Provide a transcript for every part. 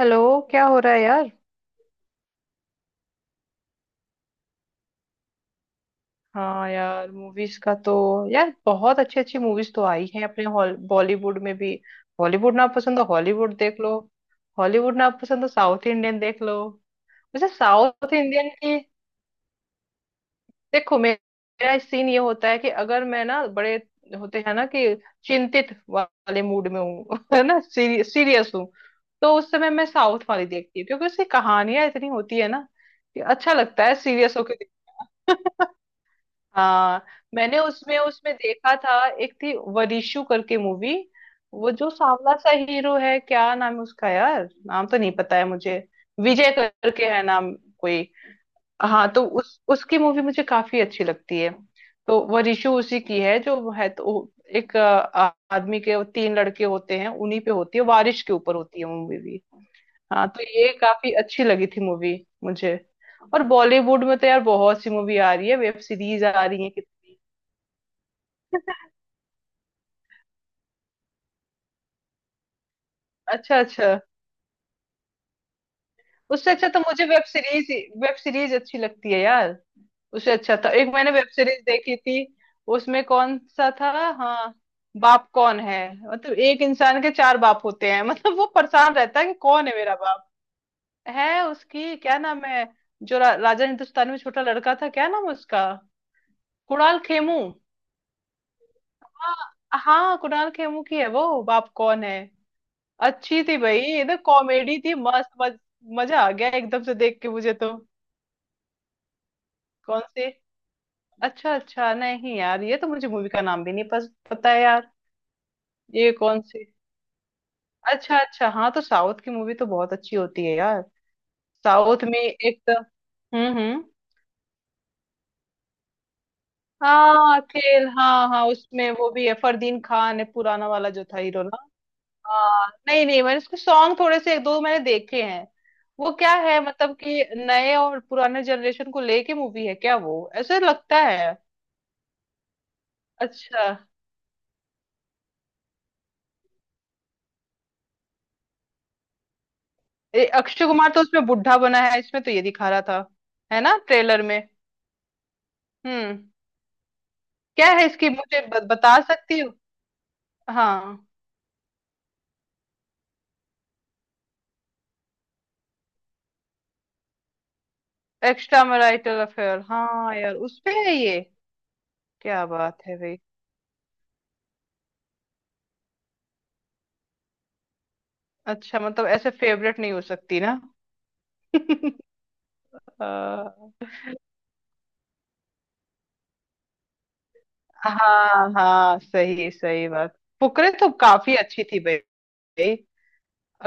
Hello. क्या हो रहा है यार। हाँ यार मूवीज का तो, यार बहुत अच्छी अच्छी मूवीज तो आई हैं अपने हॉल बॉलीवुड में भी। बॉलीवुड ना पसंद हो हॉलीवुड देख लो। हॉलीवुड ना पसंद हो साउथ इंडियन देख लो। वैसे साउथ इंडियन की, देखो मेरा सीन ये होता है कि अगर मैं ना बड़े होते हैं ना कि चिंतित वाले मूड में हूँ है ना, सीरियस हूँ, तो उस समय मैं साउथ वाली देखती हूँ क्योंकि उसकी कहानियां इतनी होती है ना कि अच्छा लगता है सीरियस होकर। हाँ। मैंने उसमें उसमें देखा था, एक थी वरिशु करके मूवी। वो जो सांवला सा हीरो है, क्या नाम है उसका यार, नाम तो नहीं पता है मुझे। विजय करके है नाम कोई। हाँ, तो उस उसकी मूवी मुझे काफी अच्छी लगती है। तो वरिशु उसी की है, जो है तो वो एक आदमी के वो तीन लड़के होते हैं, उन्हीं पे होती है, बारिश के ऊपर होती है मूवी भी। हाँ तो ये काफी अच्छी लगी थी मूवी मुझे। और बॉलीवुड में तो यार बहुत सी मूवी आ रही है, वेब सीरीज आ रही है कितनी। अच्छा अच्छा। उससे अच्छा तो मुझे वेब सीरीज, वेब सीरीज अच्छी लगती है यार। उससे अच्छा था, एक मैंने वेब सीरीज देखी थी। उसमें कौन सा था। हाँ, बाप कौन है। मतलब एक इंसान के चार बाप होते हैं मतलब वो परेशान रहता है कि कौन है मेरा बाप। है उसकी, क्या नाम है जो राजा हिंदुस्तान में छोटा लड़का था, क्या नाम है उसका। कुणाल खेमू। हाँ हाँ, कुणाल खेमू की है वो बाप कौन है। अच्छी थी भाई, एकदम कॉमेडी थी, मस्त मजा आ गया एकदम से देख के मुझे तो। कौन सी। अच्छा अच्छा, नहीं यार ये तो मुझे मूवी का नाम भी नहीं पता है यार। ये कौन सी। अच्छा अच्छा, हाँ तो साउथ की मूवी तो बहुत अच्छी होती है यार। साउथ में एक तो हम्म। हाँ खेल, हाँ हाँ, उसमें वो भी है, फरदीन खान है पुराना वाला जो था हीरो ना। हाँ नहीं नहीं, मैंने उसके सॉन्ग थोड़े से एक दो मैंने देखे हैं। वो क्या है, मतलब कि नए और पुराने जनरेशन को लेके मूवी है क्या वो, ऐसे लगता है। अच्छा। अक्षय कुमार तो उसमें बुढ़ा बना है, इसमें तो ये दिखा रहा था, है ना, ट्रेलर में। हम्म। क्या है इसकी, मुझे बता सकती हो। हाँ एक्स्ट्रा मैरिटल अफेयर, हाँ यार उसपे है ये। क्या बात है भाई। अच्छा मतलब ऐसे फेवरेट नहीं हो सकती ना। अ, हाँ हाँ सही सही बात, फुकरे तो काफी अच्छी थी भाई।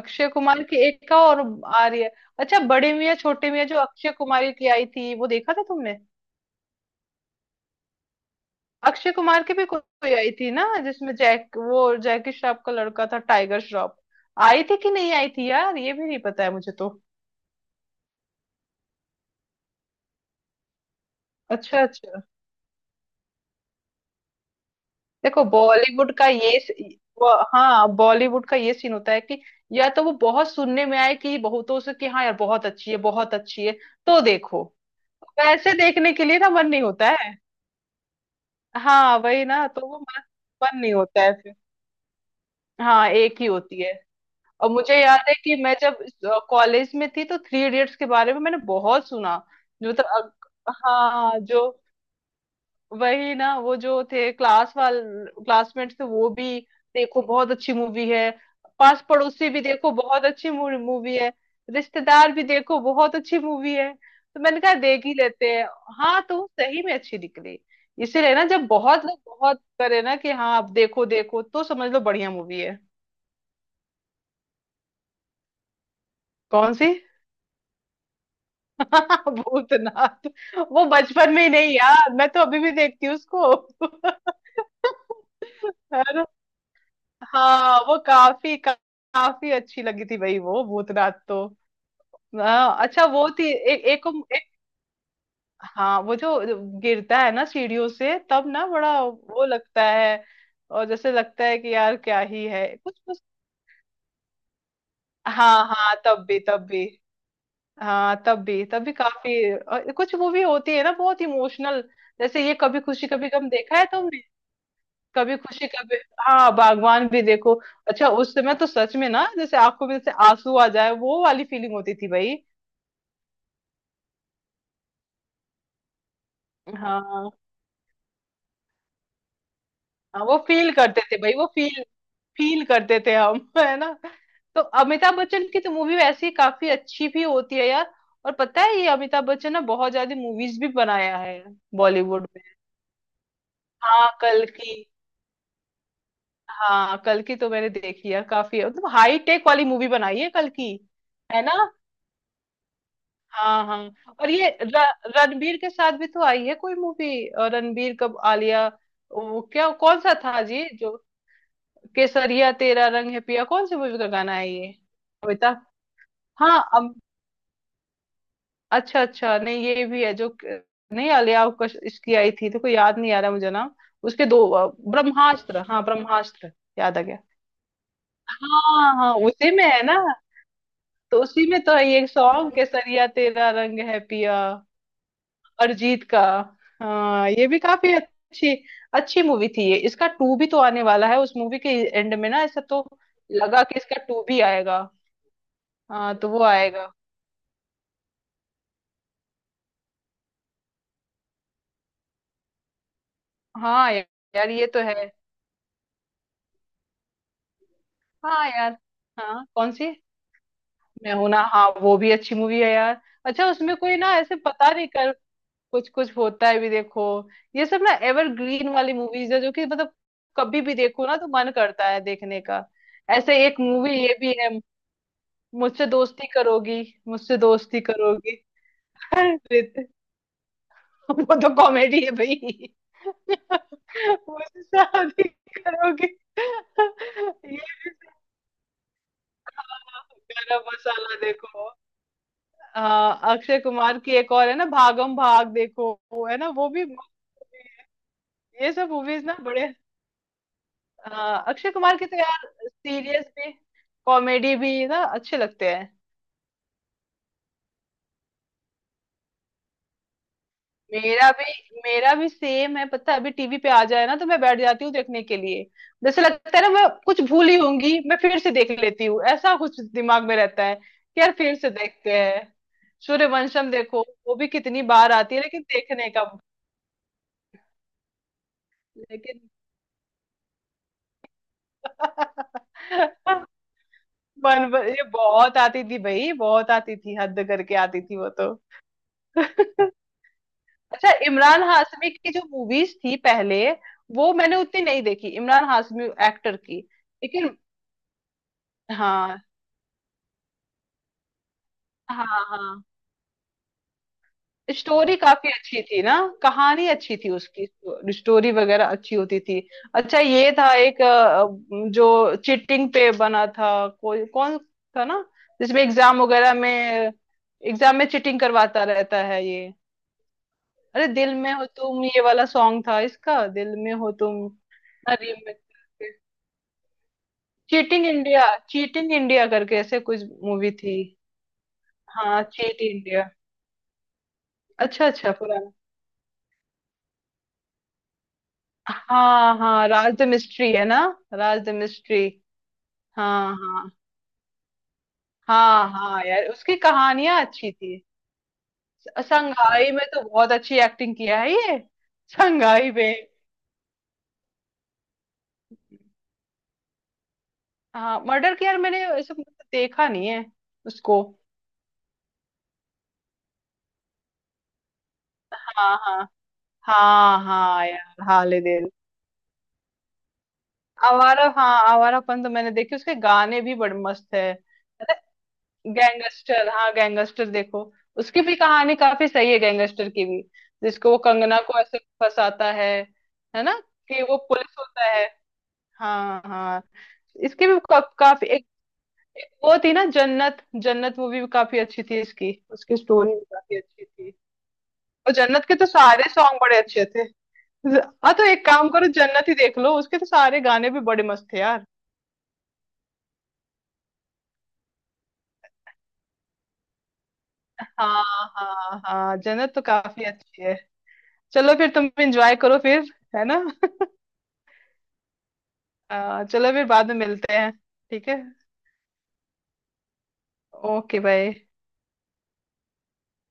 अक्षय कुमार की एक का और आ रही है। अच्छा बड़े मियाँ छोटे मियाँ जो अक्षय कुमारी की आई थी वो देखा था तुमने। अक्षय कुमार की भी कोई आई थी ना जिसमें जैक, वो जैकी श्रॉफ का लड़का था टाइगर श्रॉफ। आई थी कि नहीं आई थी यार, ये भी नहीं पता है मुझे तो। अच्छा अच्छा। देखो बॉलीवुड का ये स- वो हाँ बॉलीवुड का ये सीन होता है कि या तो वो बहुत सुनने में आए कि बहुतों से कि हाँ यार बहुत अच्छी है, बहुत अच्छी है, तो देखो वैसे देखने के लिए ना मन नहीं होता है। हाँ वही ना, तो वो मन मन नहीं होता है फिर। हाँ एक ही होती है। और मुझे याद है कि मैं जब कॉलेज में थी तो थ्री इडियट्स के बारे में मैंने बहुत सुना। जो तो अग- हाँ जो वही ना, वो जो थे क्लास वाल, क्लासमेट्स थे वो भी। देखो बहुत अच्छी मूवी है, पास पड़ोसी भी देखो बहुत अच्छी मूवी है, रिश्तेदार भी देखो बहुत अच्छी मूवी है, तो मैंने कहा देख ही लेते हैं। हाँ तो सही में अच्छी निकली। इसीलिए ना, जब बहुत लोग बहुत करे ना कि हाँ आप देखो देखो, तो समझ लो बढ़िया मूवी है। कौन सी। भूतनाथ। वो बचपन में ही नहीं यार, मैं तो अभी भी देखती हूँ उसको। है ना? हाँ वो काफी अच्छी लगी थी भाई वो भूतनाथ तो। हाँ अच्छा वो थी एक एक, को- एक, हाँ वो जो गिरता है ना सीढ़ियों से, तब ना बड़ा वो लगता है। और जैसे लगता है कि यार क्या ही है, कुछ कुछ। हाँ हाँ तब भी तब भी, हाँ तब भी काफी, और कुछ मूवी होती है ना बहुत इमोशनल, जैसे ये कभी खुशी कभी गम देखा है तुमने। कभी खुशी कभी, हाँ बागवान भी देखो। अच्छा उस समय तो सच में ना, जैसे आंखों में जैसे आंसू आ जाए वो वाली फीलिंग होती थी भाई। हाँ हाँ वो फील करते थे भाई, वो फील फील करते थे हम है ना। तो अमिताभ बच्चन की तो मूवी वैसे ही काफी अच्छी भी होती है यार। और पता है ये अमिताभ बच्चन ने बहुत ज्यादा मूवीज भी बनाया है बॉलीवुड में। हाँ कल की, हाँ कल की तो मैंने देखी है, काफी मतलब हाई टेक वाली मूवी बनाई है कल की। है ना। हाँ हाँ। और ये रणबीर के साथ भी तो आई है कोई मूवी। रणबीर, कब आलिया, वो क्या कौन सा था जी जो केसरिया तेरा रंग है पिया, कौन सी मूवी का गाना है ये। अमिताभ, हाँ अब अच्छा अच्छा नहीं ये भी है जो नहीं आलिया कश इसकी आई थी तो कोई याद नहीं आ रहा मुझे नाम। उसके दो ब्रह्मास्त्र, हाँ ब्रह्मास्त्र, याद आ गया। हाँ हाँ उसी में है ना, तो उसी में तो है ये सॉन्ग केसरिया तेरा रंग है पिया, अरिजीत का। हाँ ये भी काफी अच्छी, अच्छी मूवी थी ये। इसका टू भी तो आने वाला है, उस मूवी के एंड में ना ऐसा तो लगा कि इसका टू भी आएगा। हाँ तो वो आएगा। हाँ या- यार ये तो है। हाँ यार। हाँ कौन सी। मैं हूं ना, हाँ वो भी अच्छी मूवी है यार। अच्छा उसमें कोई ना ऐसे पता नहीं कर, कुछ कुछ होता है भी देखो। ये सब ना एवरग्रीन वाली मूवीज है, जो कि मतलब कभी भी देखो ना तो मन करता है देखने का। ऐसे एक मूवी ये भी है, मुझसे दोस्ती करोगी, मुझसे दोस्ती करोगी। अरे वो तो कॉमेडी है भाई, मुझसे शादी करोगी ये, गरम मसाला देखो। अक्षय कुमार की एक और है ना, भागम भाग देखो वो है ना वो भी, ये सब मूवीज ना बड़े, अक्षय कुमार की तो यार सीरियस भी कॉमेडी भी ना अच्छे लगते हैं। मेरा भी मेरा भी सेम है, पता है अभी टीवी पे आ जाए ना तो मैं बैठ जाती हूँ देखने के लिए। जैसे लगता है ना मैं कुछ भूली होंगी, मैं फिर से देख लेती हूँ, ऐसा कुछ दिमाग में रहता है कि यार फिर से देखते हैं। सूर्यवंशम देखो, वो भी कितनी बार आती है लेकिन देखने का, लेकिन मन, ये बहुत आती थी भाई, बहुत आती थी, हद करके आती थी वो तो। अच्छा इमरान हाशमी की जो मूवीज थी पहले, वो मैंने उतनी नहीं देखी इमरान हाशमी एक्टर की, लेकिन, हाँ हाँ हाँ, स्टोरी काफी अच्छी थी ना। कहानी अच्छी थी उसकी, स्टोरी वगैरह अच्छी होती थी। अच्छा ये था एक जो चीटिंग पे बना था, कोई कौन था ना जिसमें एग्जाम वगैरह में, एग्जाम में चीटिंग करवाता रहता है ये। अरे दिल में हो तुम, ये वाला सॉन्ग था इसका, दिल में हो तुम ना remix। Cheating India, cheating India करके ऐसे कुछ मूवी थी। हाँ चीट इंडिया। अच्छा अच्छा पुराना। हाँ हाँ राज द मिस्ट्री है ना, राज द मिस्ट्री। हाँ हाँ हाँ हाँ यार उसकी कहानियां अच्छी थी। संघाई में तो बहुत अच्छी एक्टिंग किया है ये, संघाई में। हाँ मर्डर की, यार मैंने ऐसे मतलब देखा नहीं है उसको। हाँ हाँ हाँ हाँ यार हाल ए दिल। आवारा, हाँ आवारापन तो मैंने देखी, उसके गाने भी बड़े मस्त है। गैंगस्टर, हाँ गैंगस्टर देखो, उसकी भी कहानी काफी सही है, गैंगस्टर की भी। जिसको वो कंगना को ऐसे फंसाता है ना, कि वो पुलिस होता है। हाँ हाँ, इसकी भी एक वो थी ना जन्नत, जन्नत मूवी भी काफी अच्छी थी इसकी, उसकी स्टोरी भी काफी अच्छी थी। और जन्नत के तो सारे सॉन्ग बड़े अच्छे थे। हाँ तो एक काम करो जन्नत ही देख लो, उसके तो सारे गाने भी बड़े मस्त थे यार। हाँ हाँ हाँ, जन्नत तो काफी अच्छी है। चलो फिर तुम एंजॉय करो फिर, है ना। चलो फिर बाद में मिलते हैं, ठीक है, ओके बाय।